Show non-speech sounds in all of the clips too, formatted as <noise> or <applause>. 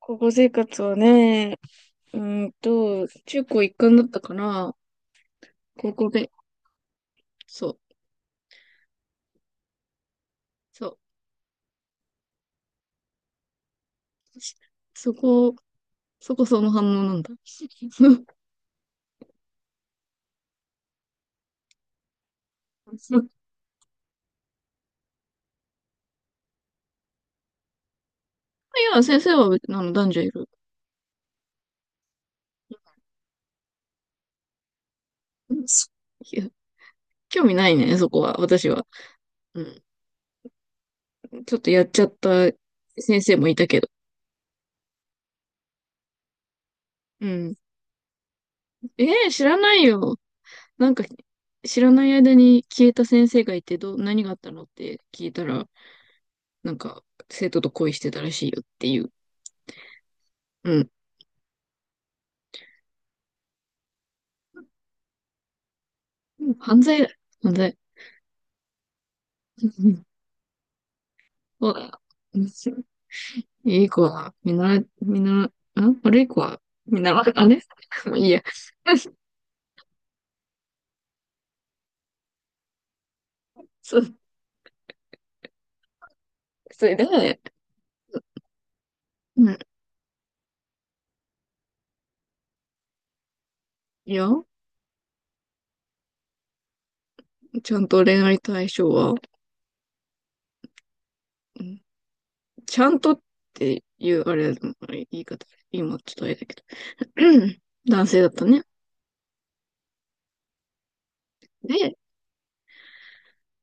高校生活はね、中高一貫だったから、高校で、そう、そう、そこ、そこその反応なんだ。<laughs> いや、先生は、男女いる。いや、興味ないね、そこは、私は。うん。ちょっとやっちゃった先生もいたけど。うん。知らないよ。なんか、知らない間に消えた先生がいて、どう、何があったのって聞いたら、なんか、生徒と恋してたらしいよっていう。うん。うん、犯罪だ、犯罪。うんうん、そうだよ。うん、いい子は、見習い、見習い、ん、悪い子は、見習い、あれ、もういいや。<laughs> そう、それで、うん。いや、ちゃんと恋愛対象は、うん、ちゃんとっていう、あれ、言い方、今ちょっとあれだけど、うん、男性だったね。で、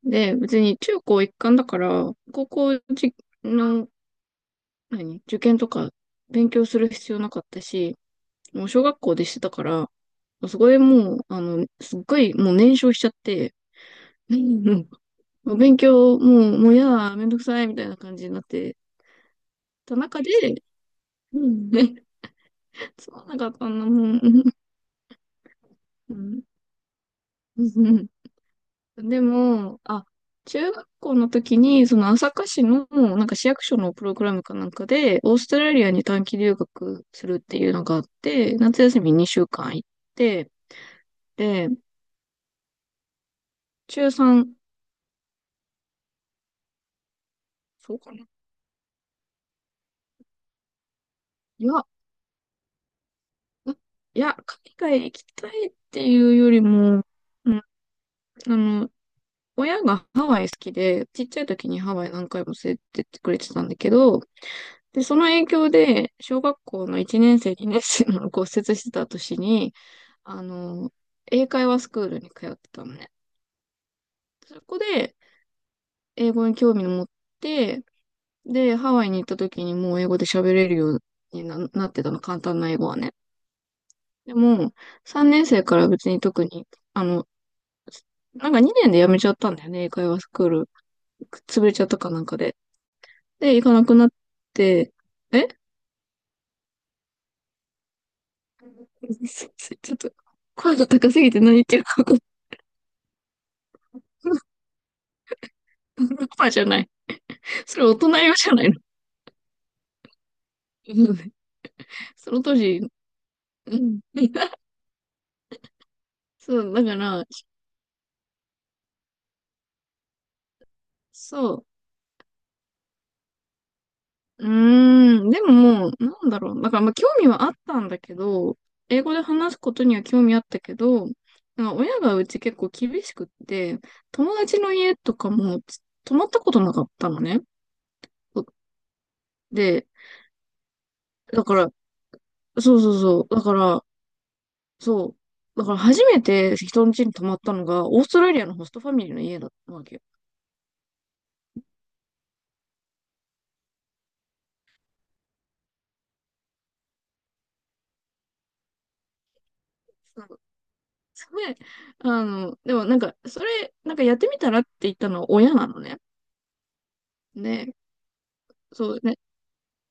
で、別に中高一貫だから、高校じの、何、受験とか勉強する必要なかったし、もう小学校でしてたから、そこでもう、すっごいもう燃焼しちゃって、うん、もう勉強、もう、もうやだ、めんどくさい、みたいな感じになって、た中で、うんね、つまんなかったんだもん。うんうん、でも、あ、中学校の時に、その朝霞市の、なんか市役所のプログラムかなんかで、オーストラリアに短期留学するっていうのがあって、夏休み2週間行って、で、中3、そうかな。いや、あ、いや、海外行きたいっていうよりも、うん、あの、親がハワイ好きで、ちっちゃい時にハワイ何回も連れてってくれてたんだけど、で、その影響で、小学校の1年生、2年生の骨折してた年に、あの、英会話スクールに通ってたのね。そこで、英語に興味を持って、で、ハワイに行った時にもう英語で喋れるようにな、なってたの、簡単な英語はね。でも、3年生から別に特に、あの、なんか2年で辞めちゃったんだよね、英会話スクール。潰れちゃったかなんかで。で、行かなくなって、え、 <laughs> ちょっと、声が高すぎて何言ってるか分かんない。<laughs> パパじゃない。それ大人用じゃないの。<laughs> その当時、うん。そう、だから、そう。うーん、でももう、なんだろう。だからまあ興味はあったんだけど、英語で話すことには興味あったけど、なんか親がうち結構厳しくって、友達の家とかも泊まったことなかったのね。で、だから、そうそうそう、だから、そう、だから初めて人の家に泊まったのが、オーストラリアのホストファミリーの家だったわけよ。なんかで、でもなんか、それ、なんかやってみたらって言ったのは親なのね。ね、そうね。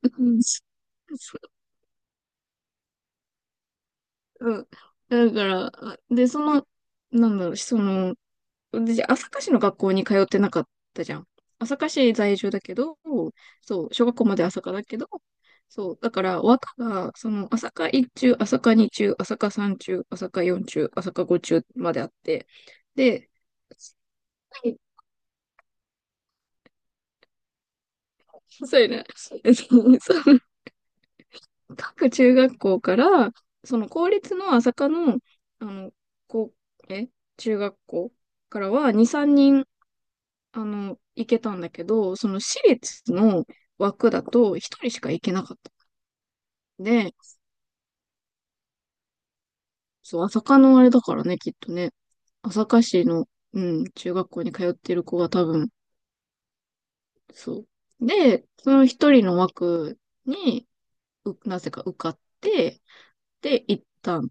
うん。<laughs> そう、うん、だから、で、その、なんだろう、その、私、朝霞市の学校に通ってなかったじゃん。朝霞市在住だけど、そう、小学校まで朝霞だけど、そう、だから、和歌が、その、朝霞1中、朝霞2中、朝霞3中、朝霞4中、朝霞5中まであって、で、そうやな、<laughs> そう、各中学校から、その公立の朝霞の、あの、こう、え、中学校からは2、3、行けたんだけど、その私立の枠だと一人しか行けなかったんで、そう、朝霞のあれだからね、きっとね。朝霞市の、うん、中学校に通ってる子が多分、そう。で、その一人の枠に、う、なぜか受かって、で、行ったん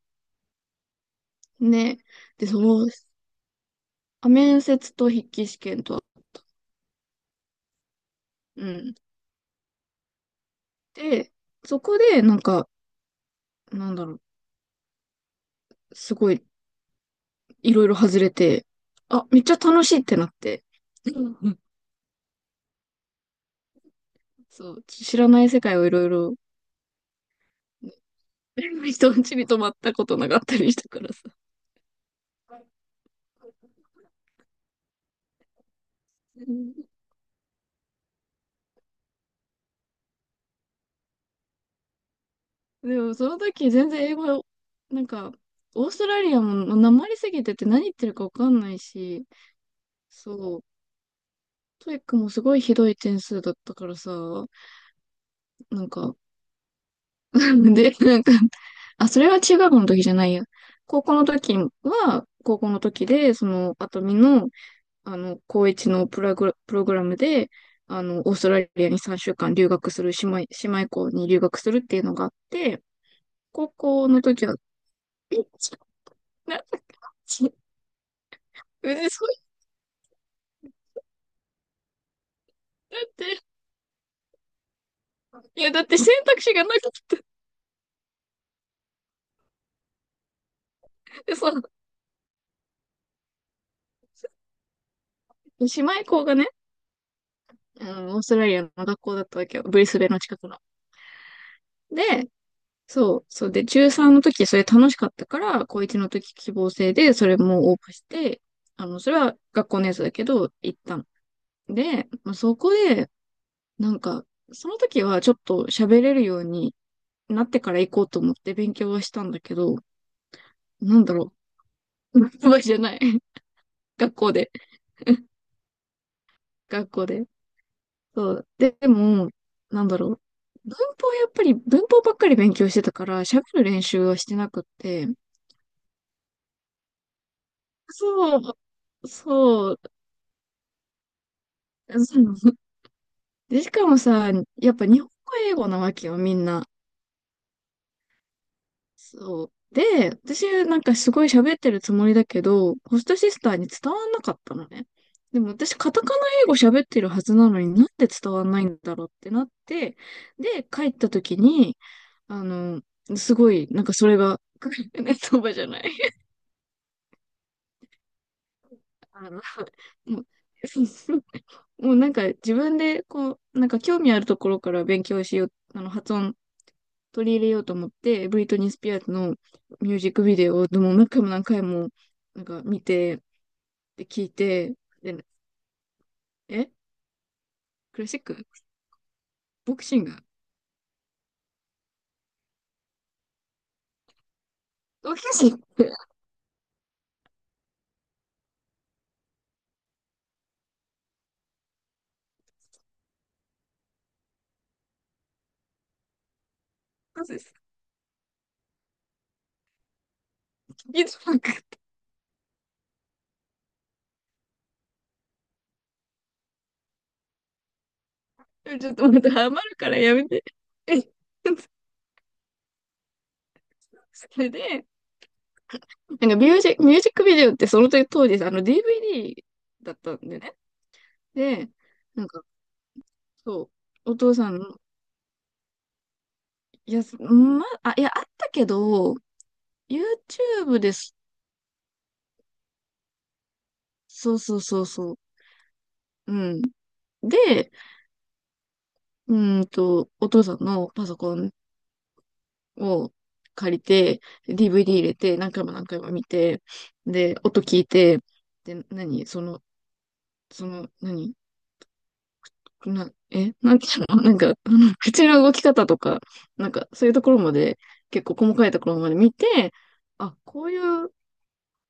ね。で、その、あ、面接と筆記試験とは、うん。で、そこで、なんか、なんだろう、すごいいろいろ外れて、あ、めっちゃ楽しいってなって。<laughs> そう、知らない世界をいろいろ、<laughs> 人ん家に泊まったことなかったりしたからさ。でもその時全然英語、なんか、オーストラリアもなまりすぎてて何言ってるかわかんないし、そう、トイックもすごいひどい点数だったからさ、なんか、<laughs> で、なんか、あ、それは中学の時じゃないや。高校の時は、高校の時で、その、あとみの、高一のプログラ、プログラムで、オーストラリアに3週間留学する、姉妹、姉妹校に留学するっていうのがあって、高校の時は、えち、な、ち、う、ね、そう、だって、いや、だって選択肢がなかった。で、そう、姉妹校がね、オーストラリアの学校だったわけよ。ブリスベンの近くの。で、そう、そうで、中3の時それ楽しかったから、高1の時希望制で、それも応募して、それは学校のやつだけど、行ったの。で、まあ、そこで、なんか、その時はちょっと喋れるようになってから行こうと思って勉強はしたんだけど、なんだろう。<laughs> うまいじゃない。<laughs> 学校で。学校で。そう。で、でも、なんだろう。文法やっぱり、文法ばっかり勉強してたから、喋る練習はしてなくって、そうそう、そうで、しかもさ、やっぱ日本語英語なわけよ、みんな。そう。で、私なんかすごい喋ってるつもりだけど、ホストシスターに伝わんなかったのね。でも私カタカナ英語喋ってるはずなのになんで伝わんないんだろうってなって、で、帰った時に、あの、すごい、なんかそれが、<laughs> ネットばじゃない。あの、もう、<laughs> もうなんか自分でこう、なんか興味あるところから勉強しよう、あの発音取り入れようと思って、ブリトニー・スピアーズのミュージックビデオをでも何回も何回もなんか見て、で聞いて、で、え、クラシック、ボクシング、ボクシング、そうです。聞きづらくてなかった、ちょっとまたハマるからやめて。え、それで、なんかミュージック、ミュージックビデオってその当時、あの DVD だったんでね。で、なんか、そう、お父さんの、いや、ま、あ、いや、あったけど、YouTube です。そうそうそうそう。うん。で、お父さんのパソコンを借りて、DVD 入れて、何回も何回も見て、で、音聞いて、で、何その、その、何な、え、なんていうのなんか、<laughs> あの口の動き方とか、なんか、そういうところまで、結構細かいところまで見て、あ、こういう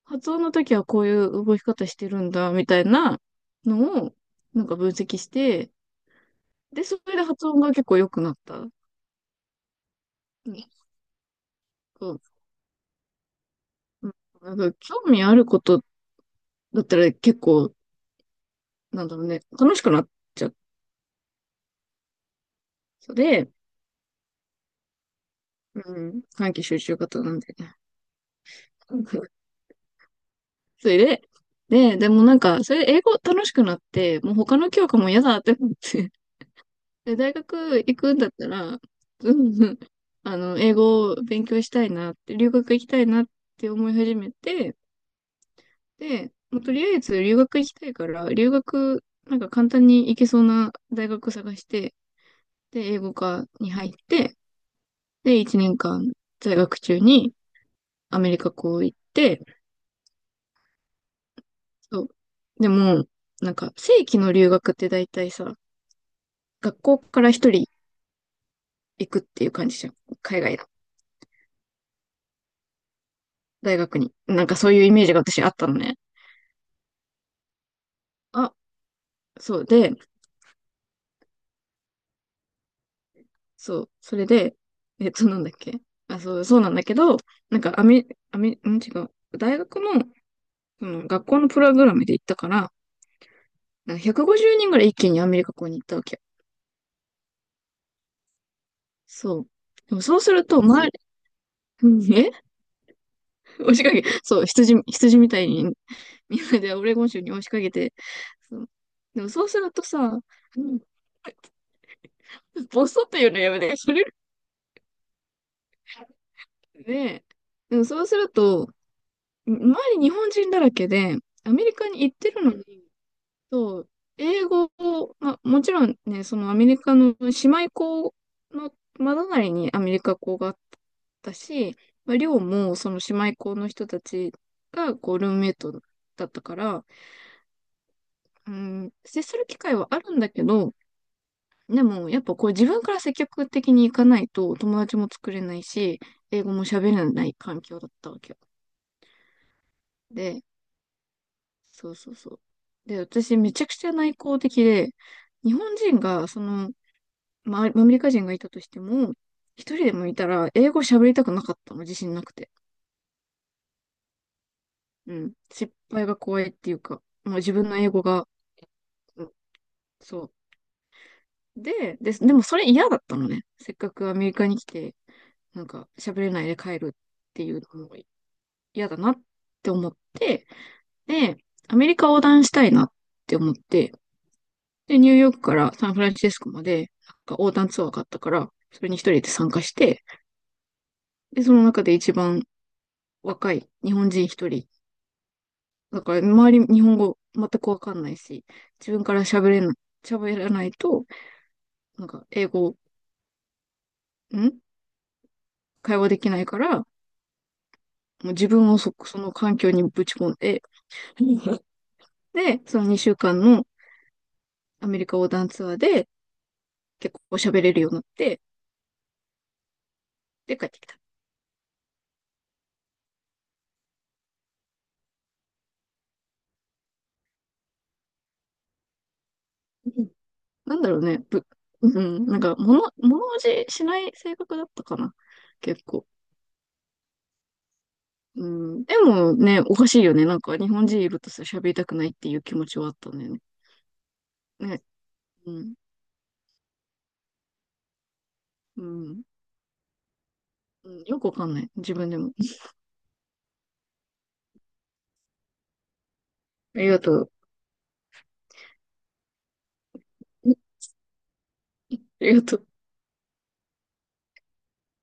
発音の時はこういう動き方してるんだ、みたいなのを、なんか分析して、で、それで発音が結構良くなった。うんうん。興味あることだったら結構、なんだろうね、楽しくなっちゃったで、うん、短期集中型なんでね。<laughs> うん。それで、でもなんか、それで英語楽しくなって、もう他の教科も嫌だって思って、で、大学行くんだったら、うんうん、英語を勉強したいなって、留学行きたいなって思い始めて、で、もうとりあえず留学行きたいから、留学、なんか簡単に行けそうな大学探して、で、英語科に入って、で、1年間在学中にアメリカ校行って、そう。でも、なんか、正規の留学って大体さ、学校から一人行くっていう感じじゃん。海外の大学に。なんかそういうイメージが私あったのね。あ、そうで、そう、それで、なんだっけ。あ、そう、そうなんだけど、なんかアメ、アメ、ん、違う。大学の、その、学校のプログラムで行ったから、なんか150人ぐらい一気にアメリカ校に行ったわけよ。そう。でもそうすると、周り、<laughs> うん。押しかけ、そう、羊みたいに、みんなでオレゴン州に押しかけて、そう。でもそうするとさ、うん、ボソっていうのやめて、それ、ね。でもそうすると、周り日本人だらけで、アメリカに行ってるのに、そう、英語を、まあ、もちろんね、そのアメリカの姉妹校のまだな隣にアメリカ校があったし、まあ、寮もその姉妹校の人たちがこうルームメイトだったから、うん、接する機会はあるんだけど、でもやっぱこう自分から積極的に行かないと友達も作れないし、英語も喋れない環境だったわけよ。で、そうそうそう。で、私めちゃくちゃ内向的で、日本人がその、まあ、アメリカ人がいたとしても、一人でもいたら、英語喋りたくなかったの、自信なくて。うん。失敗が怖いっていうか、まあ自分の英語が、うん、そう。でもそれ嫌だったのね。せっかくアメリカに来て、なんか喋れないで帰るっていうのも嫌だなって思って、で、アメリカ横断したいなって思って、で、ニューヨークからサンフランシスコまで、なんか横断ツアーがあったから、それに一人で参加して、で、その中で一番若い日本人一人だから、周り日本語全くわかんないし、自分から喋れない、喋らないと、なんか、英語、ん、会話できないから、もう自分をその環境にぶち込んで、<laughs> で、その2週間のアメリカ横断ツアーで結構喋れるようになって、で、帰ってきた。うん、なんだろうね、ぶ、うん、なんか、物おじしない性格だったかな、結構。うん、でもね、おかしいよね。なんか、日本人いるとさ、喋りたくないっていう気持ちはあったんだよね。ね。うんうん。うん、よくわかんない。自分でも。ありがとう。ありがとう。